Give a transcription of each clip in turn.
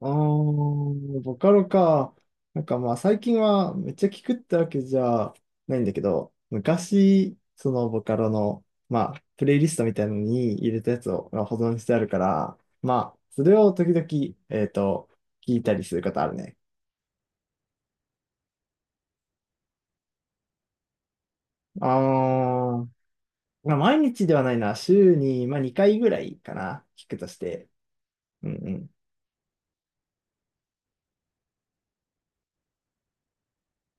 ああ、ボカロか。なんかまあ最近はめっちゃ聞くってわけじゃないんだけど、昔、そのボカロの、まあ、プレイリストみたいなのに入れたやつをまあ保存してあるから、まあ、それを時々、えっと、聞いたりすることあるね。ああ、まあ毎日ではないな。週に、まあ、2回ぐらいかな。聞くとして。うん。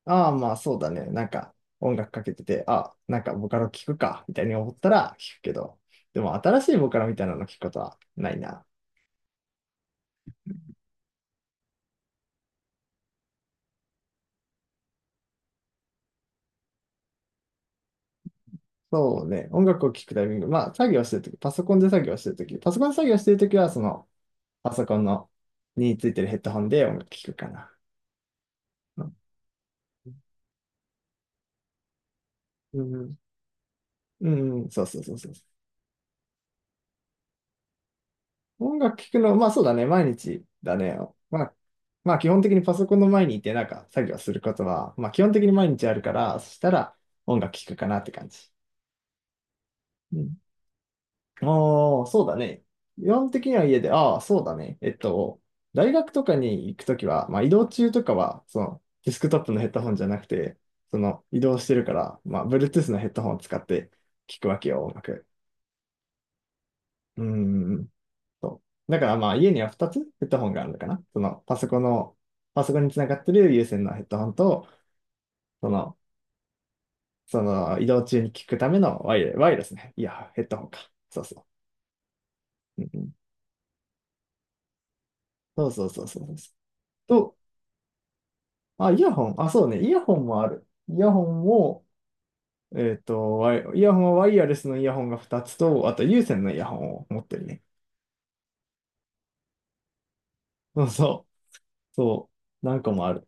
ああ、まあそうだね。なんか音楽かけてて、あ、なんかボカロ聞くか、みたいに思ったら聞くけど、でも新しいボカロみたいなの聞くことはないな。そうね。音楽を聴くタイミング、まあ作業してるとき、パソコンで作業してるとき、パソコンで作業してるときは、そのパソコンのについてるヘッドホンで音楽聴くかな。うん、うん、うん、そうそうそうそう。音楽聴くの、まあそうだね、毎日だね。まあ、まあ基本的にパソコンの前にいてなんか作業することは、まあ基本的に毎日あるから、そしたら音楽聴くかなって感じ。うん。ああ、そうだね。基本的には家で、ああ、そうだね。大学とかに行くときは、まあ移動中とかは、そのデスクトップのヘッドホンじゃなくて、その移動してるから、まあ Bluetooth のヘッドホンを使って聴くわけよ、音楽。うん。そう。だからまあ家には2つヘッドホンがあるのかな。そのパソコンの、パソコンにつながってる有線のヘッドホンと、その、その移動中に聞くためのワイヤレスね。いや、ヘッドホンか。そうそう。うんうん、そうそうそうそうそう。と、あ、イヤホン。あ、そうね。イヤホンもある。イヤホンも、えっと、イヤホンはワイヤレスのイヤホンが2つと、あと有線のイヤホンを持ってるね。そうそう。そう。何個もある。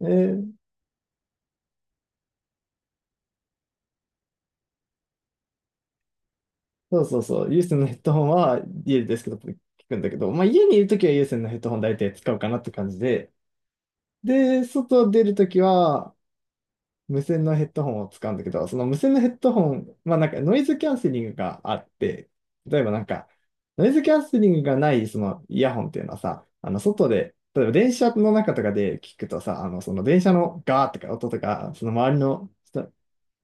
えーそうそうそう、有線のヘッドホンは家ですけど、聞くんだけど、まあ家にいるときは有線のヘッドホン大体使うかなって感じで、で、外出るときは無線のヘッドホンを使うんだけど、その無線のヘッドホン、まあなんかノイズキャンセリングがあって、例えばなんか、ノイズキャンセリングがないそのイヤホンっていうのはさ、あの外で、例えば電車の中とかで聞くとさ、あのその電車のガーとか音とか、その周りの人、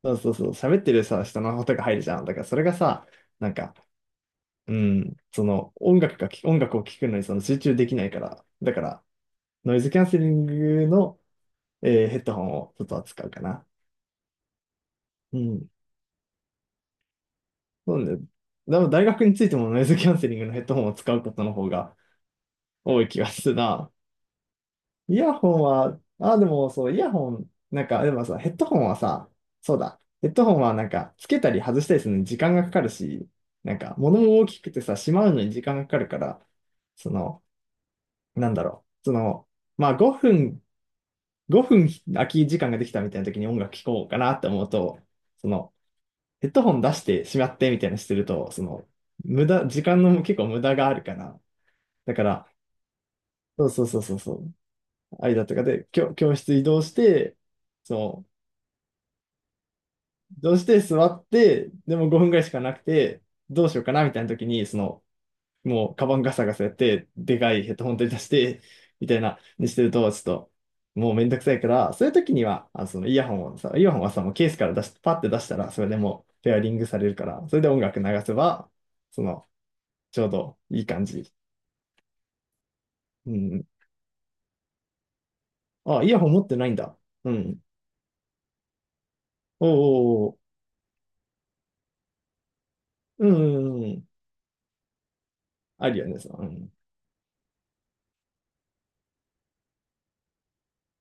そうそうそう、喋ってるさ、人の音が入るじゃん。だからそれがさ、なんか、うん、その音楽を聴くのにその集中できないから、だからノイズキャンセリングの、えーヘッドホンをちょっと扱うかな。うん。そうね。でも大学についてもノイズキャンセリングのヘッドホンを使うことの方が多い気がするな。イヤホンは、あ、でもそう、イヤホン、なんか、でもさ、ヘッドホンはさ、そうだ、ヘッドホンはなんか、つけたり外したりするのに時間がかかるし、なんか、物も大きくてさ、しまうのに時間がかかるから、その、なんだろう、その、まあ5分空き時間ができたみたいな時に音楽聴こうかなって思うと、その、ヘッドホン出してしまってみたいなのしてると、その、無駄、時間の結構無駄があるから、だから、そうそうそうそうそう、間とかで、教室移動して、そう、移動して座って、でも5分ぐらいしかなくて、どうしようかなみたいな時に、その、もう、カバンガサガサやって、でかいヘッドホン取り出して、みたいな、にしてると、ちょっと、もうめんどくさいから、そういう時には、あ、そのイヤホンをさ、イヤホンはさ、もうケースから出し、パッて出したら、それでもう、ペアリングされるから、それで音楽流せば、その、ちょうどいい感じ。うん。あ、イヤホン持ってないんだ。うん。おー、うん、うん。あるよね、そのうん。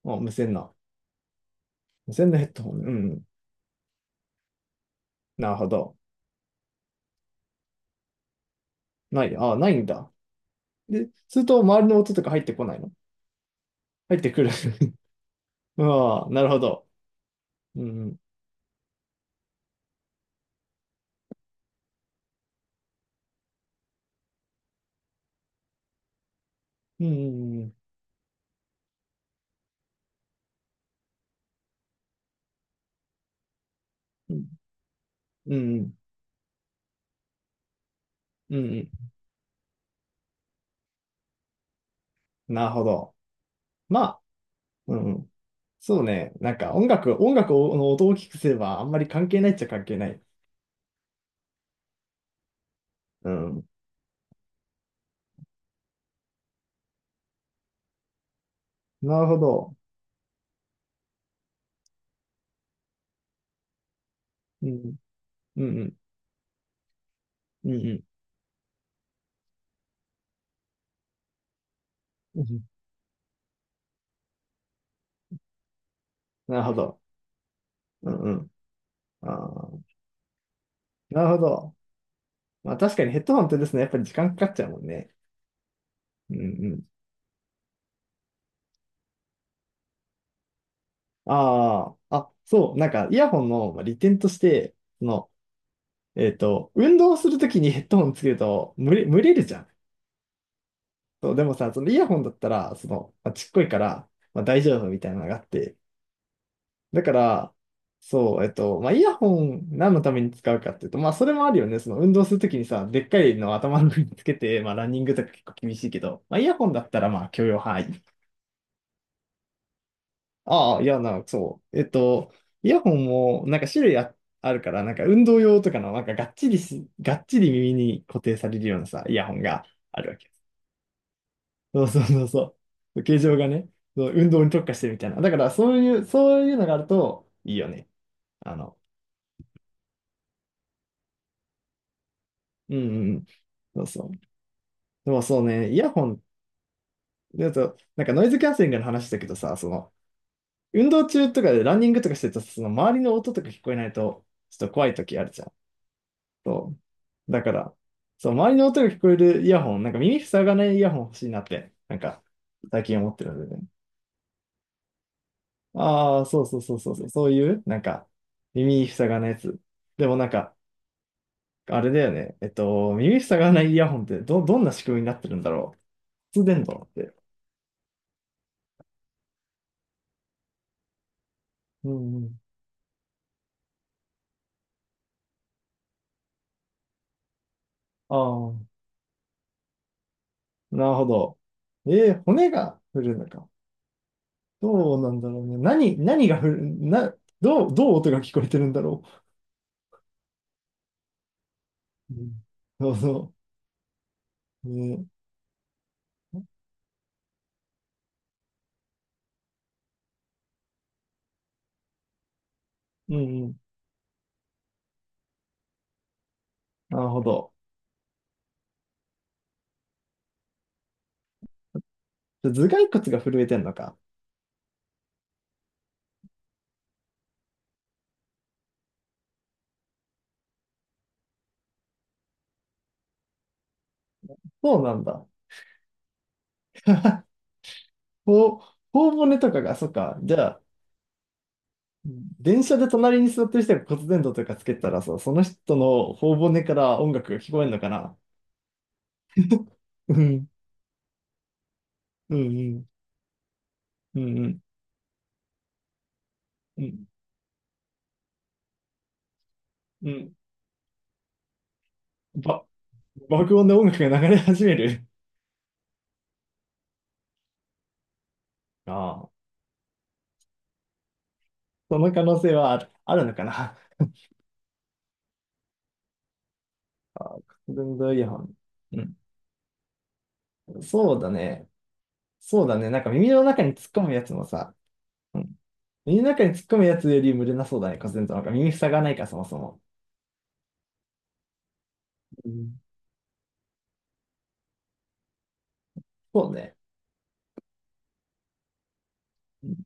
あ、無線な。無線のヘッドホン。うん。なるほど。ない。あ、ないんだ。で、すると、周りの音とか入ってこないの入ってくる。ああ、なるほど。うん、うん、うん、うん、うん、うん、うん。なるほど。まあ、うん、うん。そうね。なんか音楽の音を大きくすればあんまり関係ないっちゃ関係ない。うん、なるほど。うん、うん、うん、うん、うんうん。なるほど。うん、うん、ああ、なるほど。まあ確かにヘッドホンってですね、やっぱり時間かかっちゃうもんね。うん、うん。ああ、あ、そう、なんかイヤホンのまあ利点として、そのえっと、運動するときにヘッドホンつけると、蒸れるじゃん。そう、でもさ、そのイヤホンだったら、その、まあ、ちっこいから、まあ、大丈夫みたいなのがあって。だから、そう、えっと、まあ、イヤホン何のために使うかっていうと、まあ、それもあるよね。その運動するときにさ、でっかいのを頭の上につけて、まあ、ランニングとか結構厳しいけど、まあ、イヤホンだったら、まあ、許容範囲。ああ、いや、な、そう。えっと、イヤホンも、なんか種類あ、あるから、なんか運動用とかの、なんかがっちり耳に固定されるようなさ、イヤホンが、あるわけよ。そうそうそうそう。形状がね、そう運動に特化してるみたいな。だからそういう、そういうのがあるといいよね。あの、うんうんうん。そうそう。でもそうね、イヤホン、だと、なんかノイズキャンセリングの話だけどさ、その、運動中とかでランニングとかしてると、その周りの音とか聞こえないと、ちょっと怖い時あるじゃん。そう。だから、そう、周りの音が聞こえるイヤホン、なんか耳塞がないイヤホン欲しいなって、なんか、最近思ってるのでね。ああ、そうそうそうそうそう、そういう、なんか、耳塞がないやつ。でもなんか、あれだよね。えっと、耳塞がないイヤホンってどんな仕組みになってるんだろう。骨伝導って。うんうん。ああ、なるほど。えー、骨が振るのか。どうなんだろうね。何が振る、な、どう音が聞こえてるんだろう。うんそうそう。ね、うんうん。なるほど。頭蓋骨が震えてんのか。そうなんだ。ほ頬骨とかが、そっか。じゃあ、電車で隣に座ってる人が骨伝導とかつけたらさ、その人の頬骨から音楽が聞こえるのかな。うん、うん、うん、うん、うん、うん、ば、爆音で音楽が流れ始める。ああ、その可能性はあるのかな。骨伝導イヤホン。うん、そうだね。そうだね。なんか耳の中に突っ込むやつもさ、うん、耳の中に突っ込むやつより無理なそうだね。骨伝導なんか耳塞がないからそもそも。うん、そうね。うん、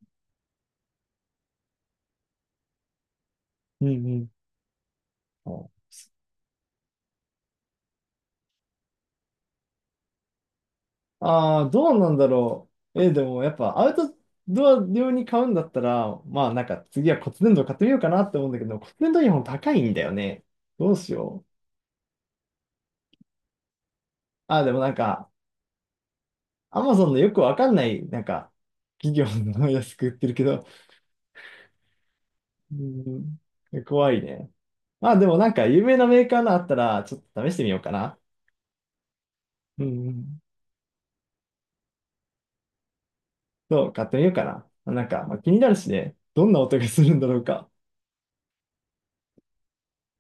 うん、うん。ああ、どうなんだろう。えーでもやっぱアウトドア用に買うんだったら、まあなんか次は骨伝導買ってみようかなって思うんだけど、骨伝導イヤホン高いんだよね。どうしよう。ああ、でもなんか、アマゾンのよくわかんない、なんか、企業の安く売ってるけど、うん、怖いね。まあでもなんか有名なメーカーのあったら、ちょっと試してみようかな。うん、うん。そう、買ってみようかな。なんか、まあ、気になるしね、どんな音がするんだろうか。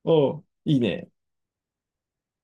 おう、いいね。